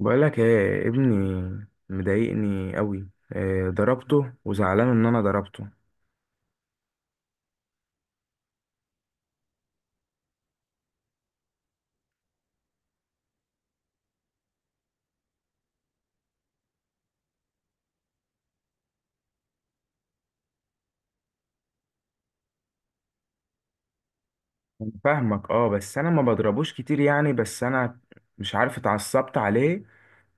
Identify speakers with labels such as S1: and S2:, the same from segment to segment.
S1: بقولك ايه، ابني مضايقني قوي. إيه، ضربته وزعلان ان انا ضربته. أنا فاهمك، اه، بس انا ما بضربوش كتير، يعني بس انا مش عارف اتعصبت عليه.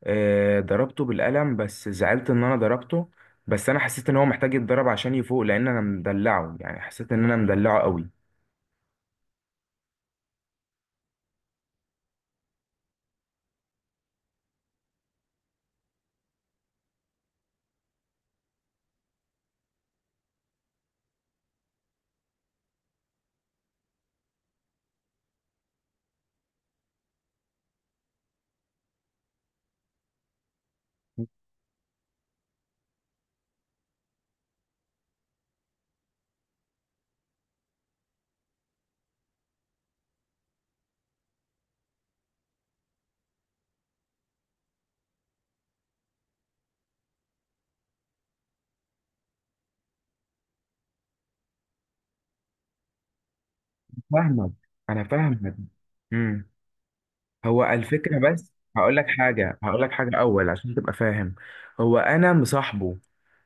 S1: إيه، ضربته بالقلم بس زعلت ان انا ضربته. بس انا حسيت ان هو محتاج يتضرب عشان يفوق، لان انا مدلعه، يعني حسيت ان انا مدلعه قوي. فاهمك انا فاهمك. امم هو الفكره، بس هقول لك حاجه اول عشان تبقى فاهم. هو انا مصاحبه،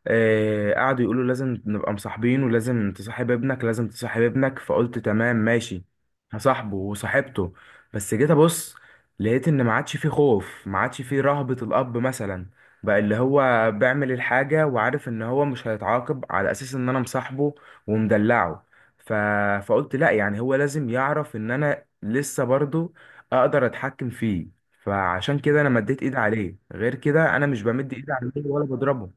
S1: قعدوا يقولوا لازم نبقى مصاحبين، ولازم تصاحب ابنك لازم تصاحب ابنك، فقلت تمام ماشي، هصاحبه، وصاحبته. بس جيت ابص لقيت ان ما عادش فيه خوف، ما عادش فيه رهبة الاب مثلا، بقى اللي هو بيعمل الحاجة وعارف ان هو مش هيتعاقب على اساس ان انا مصاحبه ومدلعه. ف... فقلت لا، يعني هو لازم يعرف ان انا لسه برضو اقدر اتحكم فيه، فعشان كده انا مديت ايد عليه، غير كده انا مش بمد ايد عليه ولا بضربه.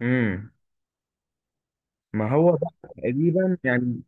S1: امم ما هو ده تقريبا يعني.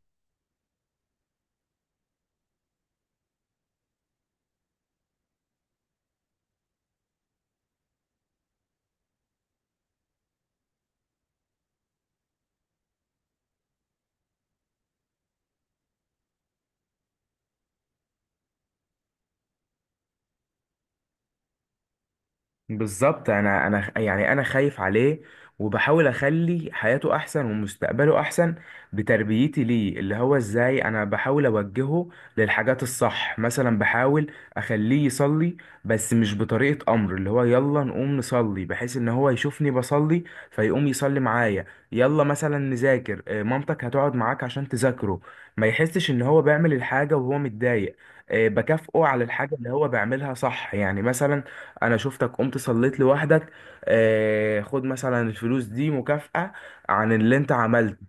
S1: بالظبط، انا يعني انا خايف عليه، وبحاول اخلي حياته احسن ومستقبله احسن بتربيتي ليه، اللي هو ازاي انا بحاول اوجهه للحاجات الصح. مثلا بحاول اخليه يصلي، بس مش بطريقة امر، اللي هو يلا نقوم نصلي، بحيث ان هو يشوفني بصلي فيقوم يصلي معايا. يلا مثلا نذاكر، مامتك هتقعد معاك عشان تذاكره، ما يحسش ان هو بيعمل الحاجة وهو متضايق. بكافئه على الحاجة اللي هو بيعملها صح، يعني مثلا انا شفتك قمت صليت لوحدك، خد مثلا الفلوس دي مكافأة عن اللي انت عملته.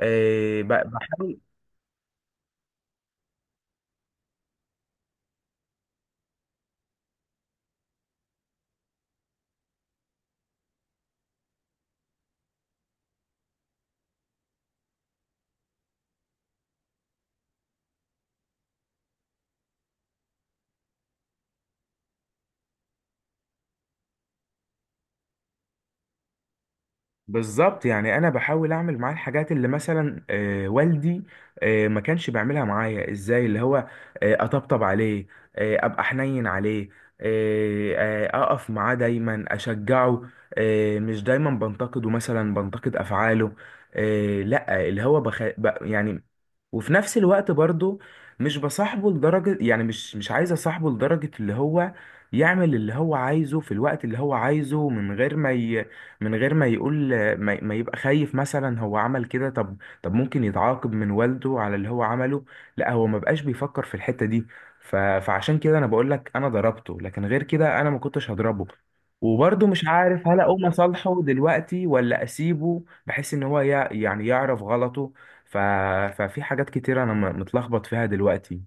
S1: بحاول. بالظبط، يعني انا بحاول اعمل معاه الحاجات اللي مثلا والدي ما كانش بيعملها معايا. ازاي؟ اللي هو اطبطب عليه، ابقى حنين عليه، اقف معاه دايما، اشجعه، مش دايما بنتقده، مثلا بنتقد افعاله، لا، اللي هو يعني. وفي نفس الوقت برضو مش بصاحبه لدرجة، يعني مش عايز اصاحبه لدرجة اللي هو يعمل اللي هو عايزه في الوقت اللي هو عايزه، من غير ما ي... من غير ما يقول، ما يبقى خايف، مثلا هو عمل كده، طب طب ممكن يتعاقب من والده على اللي هو عمله، لا، هو ما بقاش بيفكر في الحتة دي. فعشان كده انا بقول لك انا ضربته، لكن غير كده انا ما كنتش هضربه. وبرضه مش عارف هل اقوم اصالحه دلوقتي، ولا اسيبه بحيث ان هو يعني يعرف غلطه. ف... ففي حاجات كتير انا متلخبط فيها دلوقتي.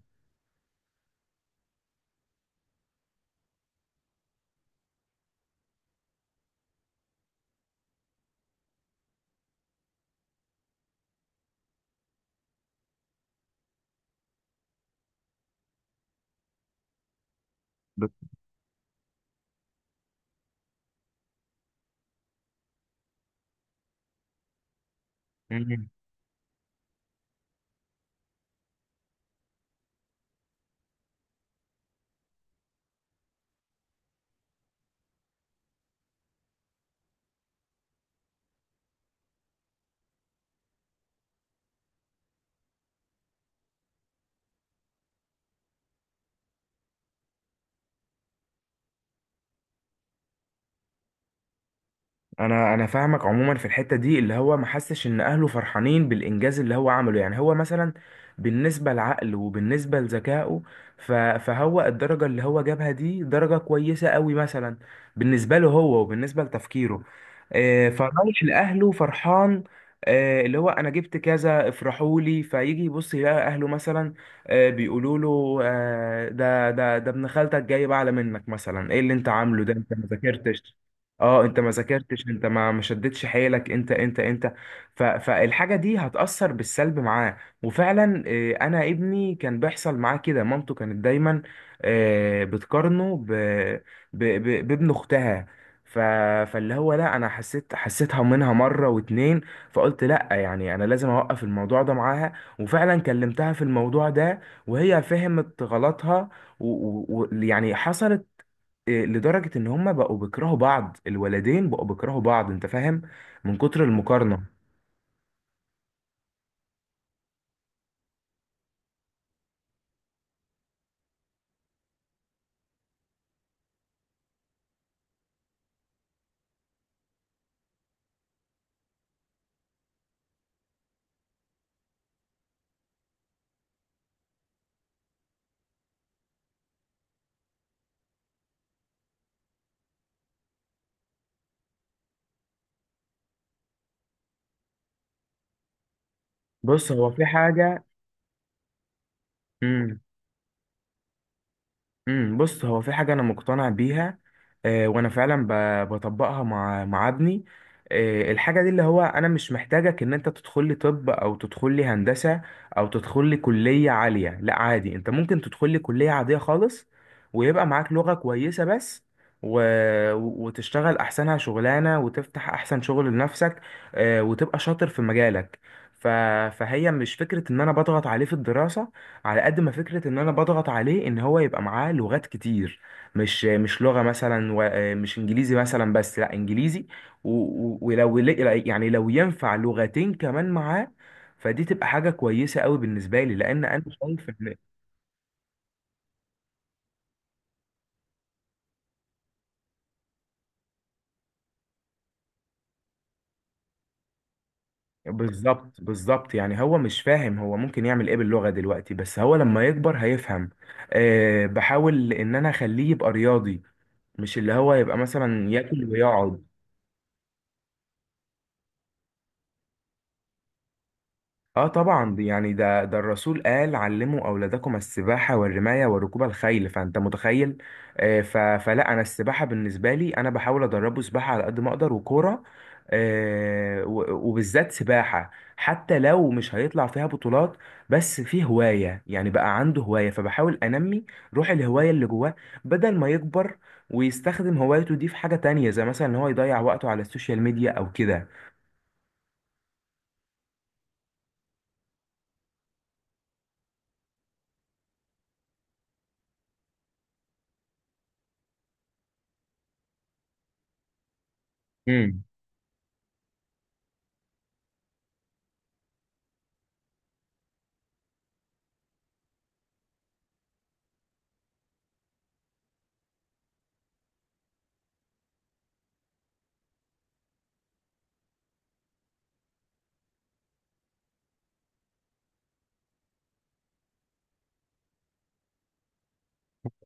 S1: بت- مم. انا فاهمك. عموما في الحته دي اللي هو ما حسش ان اهله فرحانين بالانجاز اللي هو عمله، يعني هو مثلا بالنسبه لعقله وبالنسبه لذكائه، فهو الدرجه اللي هو جابها دي درجه كويسه قوي مثلا، بالنسبه له هو وبالنسبه لتفكيره. فرايح لاهله فرحان، اللي هو انا جبت كذا، افرحوا لي، فيجي يبص يلاقي اهله مثلا بيقولوا له ده ابن خالتك جاي بعلى منك، مثلا ايه اللي انت عامله ده؟ انت ما ذاكرتش، اه انت ما ذاكرتش، انت ما شدتش حيلك، انت انت انت. فالحاجه دي هتاثر بالسلب معاه. وفعلا، انا ابني كان بيحصل معاه كده، مامته كانت دايما بتقارنه بابن اختها. ف... فاللي هو لا، انا حسيت، حسيتها منها مره واتنين، فقلت لا، يعني انا لازم اوقف الموضوع ده معاها، وفعلا كلمتها في الموضوع ده، وهي فهمت غلطها، ويعني يعني حصلت إيه، لدرجة ان هما بقوا بيكرهوا بعض، الولدين بقوا بيكرهوا بعض، انت فاهم، من كتر المقارنة. بص هو في حاجة. مم، بص هو في حاجة أنا مقتنع بيها، وأنا فعلا بطبقها مع ابني. الحاجة دي، اللي هو أنا مش محتاجك إن أنت تدخل لي طب، أو تدخل لي هندسة، أو تدخل لي كلية عالية، لا، عادي، أنت ممكن تدخل لي كلية عادية خالص، ويبقى معاك لغة كويسة بس، و... وتشتغل أحسنها شغلانة، وتفتح أحسن شغل لنفسك، وتبقى شاطر في مجالك. ف... فهي مش فكرة إن أنا بضغط عليه في الدراسة، على قد ما فكرة ان انا بضغط عليه ان هو يبقى معاه لغات كتير، مش لغة مثلا، مش انجليزي مثلا بس، لا، انجليزي و- يعني لو ينفع لغتين كمان معاه، فدي تبقى حاجة كويسة قوي بالنسبة لي، لان انا شايف ان... بالظبط، بالظبط، يعني هو مش فاهم هو ممكن يعمل ايه باللغة دلوقتي، بس هو لما يكبر هيفهم. أه، بحاول ان انا اخليه يبقى رياضي، مش اللي هو يبقى مثلا ياكل ويقعد. اه طبعا، يعني ده الرسول قال علموا اولادكم السباحه والرمايه وركوب الخيل، فانت متخيل. آه، ف- فلا، انا السباحه بالنسبه لي، انا بحاول ادربه سباحه على قد ما اقدر، وكوره، وبالذات سباحه، حتى لو مش هيطلع فيها بطولات، بس في هوايه، يعني بقى عنده هوايه، فبحاول انمي روح الهوايه اللي جواه، بدل ما يكبر ويستخدم هوايته دي في حاجه تانية، زي مثلا ان هو يضيع وقته على السوشيال ميديا او كده.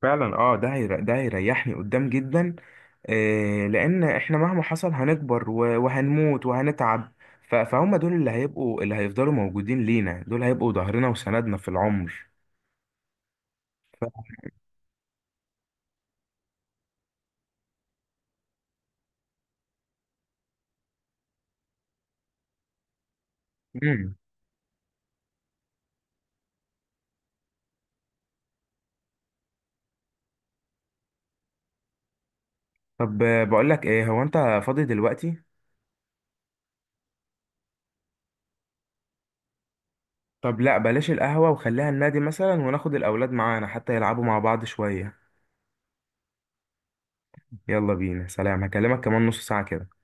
S1: فعلا، اه، ده هيريحني قدام جدا، لان احنا مهما حصل هنكبر وهنموت وهنتعب، فهم دول اللي هيفضلوا موجودين لينا، دول هيبقوا ظهرنا وسندنا في العمر. مم. طب، بقول لك ايه، هو انت فاضي دلوقتي؟ طب لا، بلاش القهوة، وخليها النادي مثلا، وناخد الاولاد معانا حتى يلعبوا مع بعض شوية. يلا بينا، سلام، هكلمك كمان نص ساعة كده.